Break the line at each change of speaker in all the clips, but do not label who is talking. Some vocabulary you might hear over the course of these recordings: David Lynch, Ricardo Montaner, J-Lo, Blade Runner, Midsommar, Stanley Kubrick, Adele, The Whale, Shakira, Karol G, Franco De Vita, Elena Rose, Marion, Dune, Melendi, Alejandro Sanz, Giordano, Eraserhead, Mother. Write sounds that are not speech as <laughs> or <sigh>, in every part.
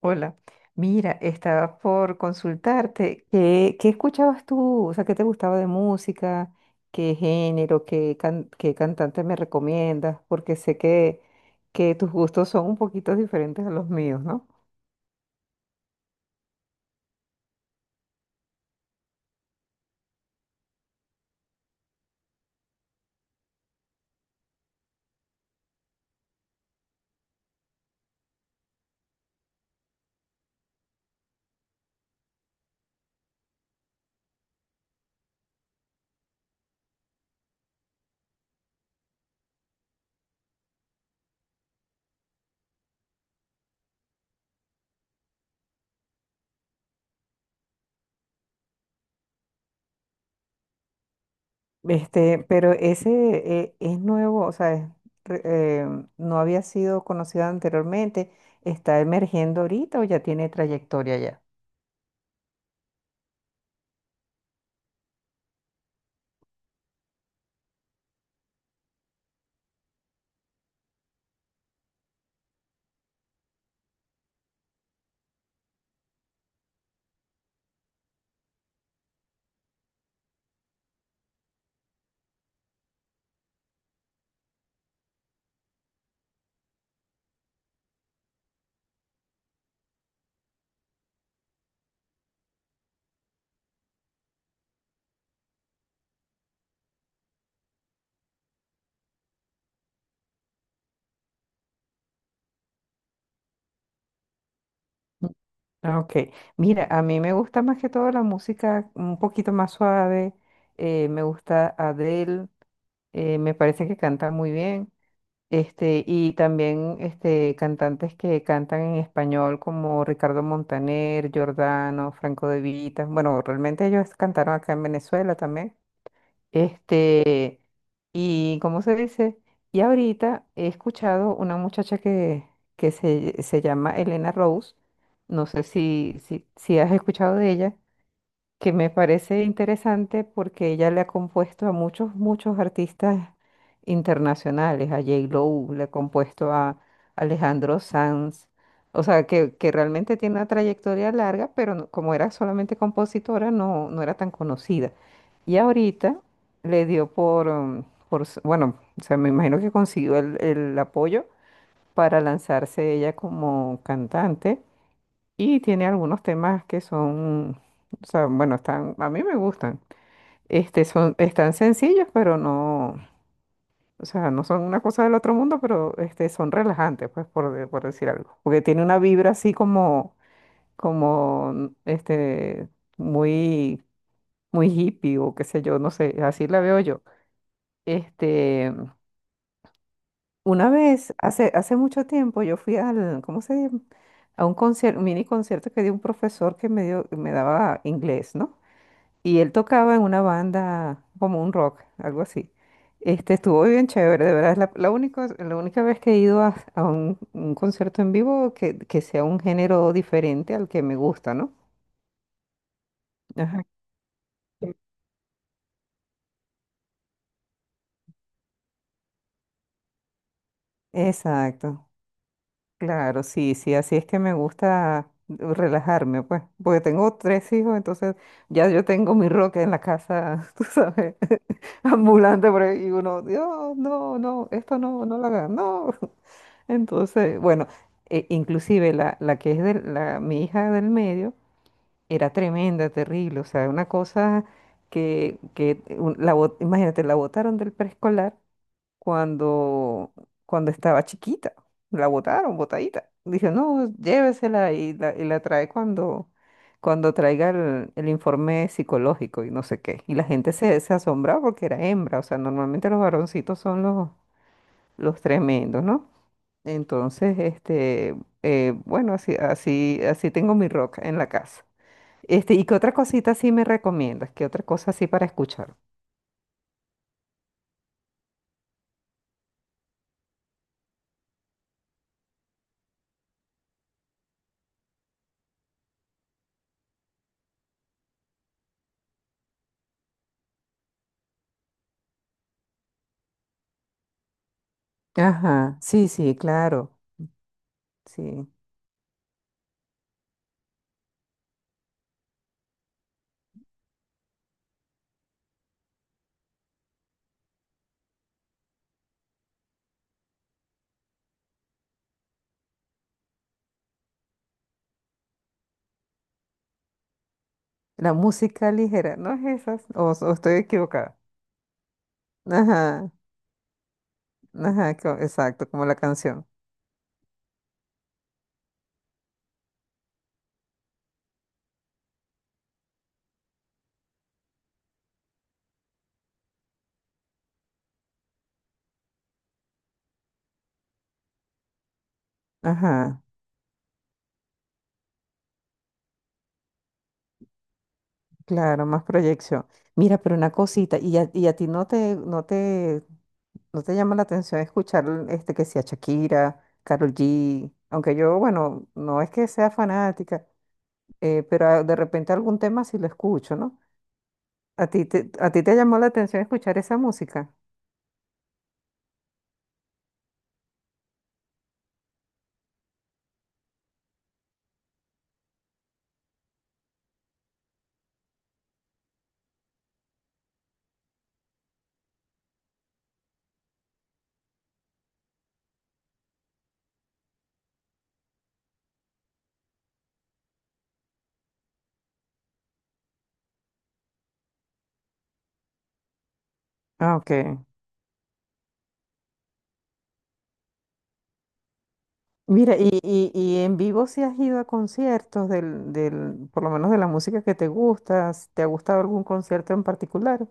Hola, mira, estaba por consultarte, ¿qué escuchabas tú? O sea, ¿qué te gustaba de música? ¿Qué género? ¿Qué cantante me recomiendas? Porque sé que tus gustos son un poquito diferentes a los míos, ¿no? Este, pero ese es nuevo, o sea, es re- eh, no había sido conocido anteriormente. ¿Está emergiendo ahorita o ya tiene trayectoria ya? Ah, ok, mira, a mí me gusta más que todo la música un poquito más suave, me gusta Adele, me parece que canta muy bien. Este, y también este, cantantes que cantan en español como Ricardo Montaner, Giordano, Franco De Vita, bueno, realmente ellos cantaron acá en Venezuela también. Este, ¿y cómo se dice? Y ahorita he escuchado una muchacha que se llama Elena Rose, no sé si has escuchado de ella, que me parece interesante porque ella le ha compuesto a muchos, muchos artistas internacionales, a J-Lo, le ha compuesto a Alejandro Sanz. O sea, que realmente tiene una trayectoria larga, pero como era solamente compositora, no, no era tan conocida. Y ahorita le dio por, bueno, o sea, me imagino que consiguió el apoyo para lanzarse ella como cantante, y tiene algunos temas que son, o sea, bueno, están, a mí me gustan. Este, son, están sencillos, pero no, o sea, no son una cosa del otro mundo, pero este, son relajantes, pues, por decir algo. Porque tiene una vibra así como, como, este, muy, muy hippie o qué sé yo, no sé, así la veo yo. Este, una vez, hace mucho tiempo, yo fui al, ¿cómo se llama? A un concierto, mini concierto que dio un profesor que me daba inglés, ¿no? Y él tocaba en una banda como un rock, algo así. Este, estuvo bien chévere, de verdad, es la única vez que he ido a un concierto en vivo que sea un género diferente al que me gusta, ¿no? Ajá. Exacto, claro, sí, sí, así es que me gusta relajarme, pues, porque tengo tres hijos, entonces ya yo tengo mi rock en la casa, <laughs> tú sabes, <laughs> ambulante por ahí, y uno, Dios, no, no, esto no, no lo hagan, no. Entonces, bueno, inclusive la que es de la, mi hija del medio era tremenda, terrible, o sea, una cosa que, imagínate, la botaron del preescolar cuando, cuando estaba chiquita, la botaron, botadita. Dijo, no, llévesela y la trae cuando traiga el informe psicológico y no sé qué. Y la gente se asombraba porque era hembra, o sea, normalmente los varoncitos son los tremendos, ¿no? Entonces, este, bueno, así, así, así tengo mi rock en la casa. Este, ¿y qué otra cosita sí me recomiendas? ¿Qué otra cosa así para escuchar? Ajá, sí, sí, claro, sí. La música ligera, ¿no es esas? O estoy equivocada. Ajá, ajá, exacto, como la canción. Ajá, claro, más proyección. Mira, pero una cosita, y a ti no te ¿no te llama la atención escuchar este que sea Shakira, Karol G? Aunque yo, bueno, no es que sea fanática, pero de repente algún tema sí lo escucho, ¿no? A ti te llamó la atención escuchar esa música? Ah, ok. Mira, y en vivo si has ido a conciertos del, del, por lo menos de la música que te gusta, ¿te ha gustado algún concierto en particular?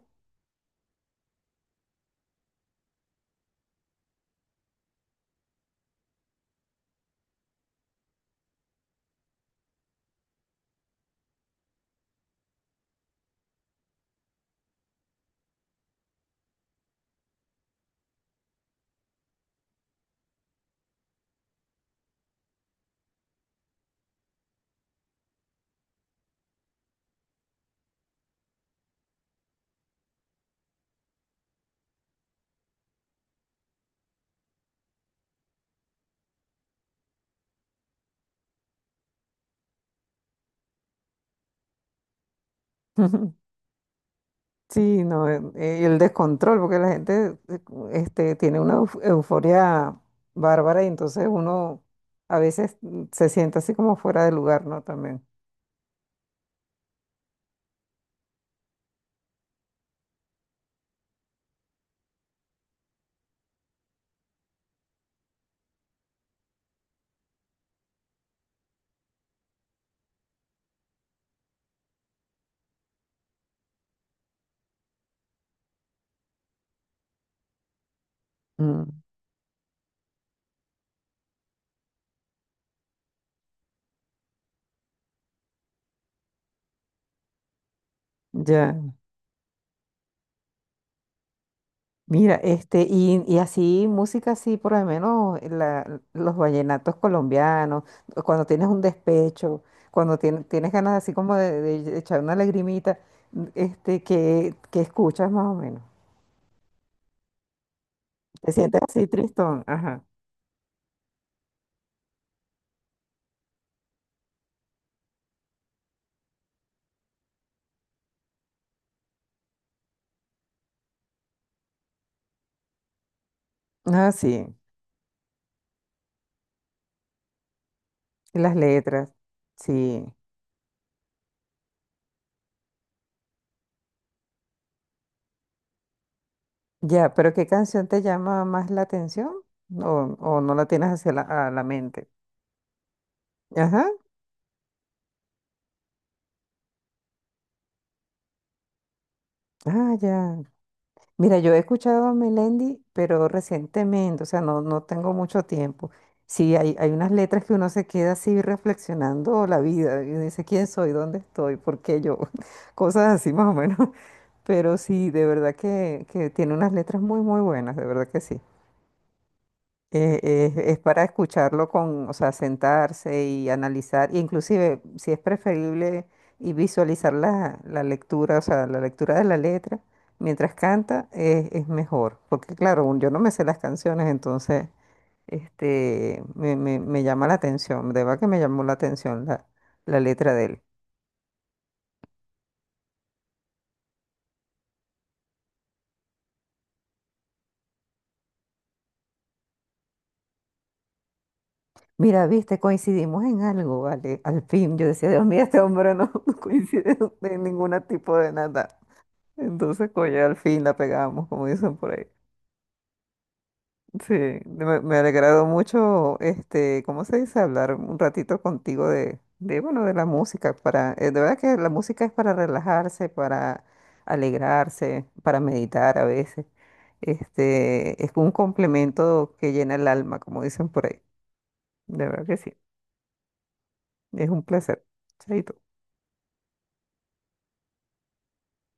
<laughs> Sí, no, el descontrol, porque la gente este, tiene una euforia bárbara, y entonces uno a veces se siente así como fuera de lugar, ¿no? También. Mm, ya. Mira, este, y así música así, por lo menos los vallenatos colombianos, cuando tienes un despecho, cuando tienes ganas así como de echar una lagrimita, este, que escuchas más o menos. Te sientes así tristón, ajá. Ah, sí. Y las letras, sí. Ya, pero ¿qué canción te llama más la atención? ¿O, o no la tienes hacia la, a la mente? Ajá. Ah, ya. Mira, yo he escuchado a Melendi, pero recientemente, o sea, no, no tengo mucho tiempo. Sí, hay unas letras que uno se queda así reflexionando la vida y dice, ¿quién soy? ¿Dónde estoy? ¿Por qué yo? <laughs> Cosas así más o menos. <laughs> Pero sí, de verdad que tiene unas letras muy, muy buenas, de verdad que sí. Es para escucharlo con, o sea, sentarse y analizar, e inclusive si es preferible y visualizar la, la lectura, o sea, la lectura de la letra mientras canta, es mejor, porque claro, yo no me sé las canciones, entonces este, me llama la atención, de verdad que me llamó la atención la, la letra de él. Mira, viste, coincidimos en algo, ¿vale? Al fin, yo decía, Dios mío, este hombre no <laughs> coincide en ningún tipo de nada. Entonces, coño, al fin la pegamos, como dicen por ahí. Sí, me ha alegrado mucho, este, ¿cómo se dice? Hablar un ratito contigo de, bueno, de la música. Para, de verdad que la música es para relajarse, para alegrarse, para meditar a veces. Este, es un complemento que llena el alma, como dicen por ahí. De verdad que sí, es un placer. Chaito.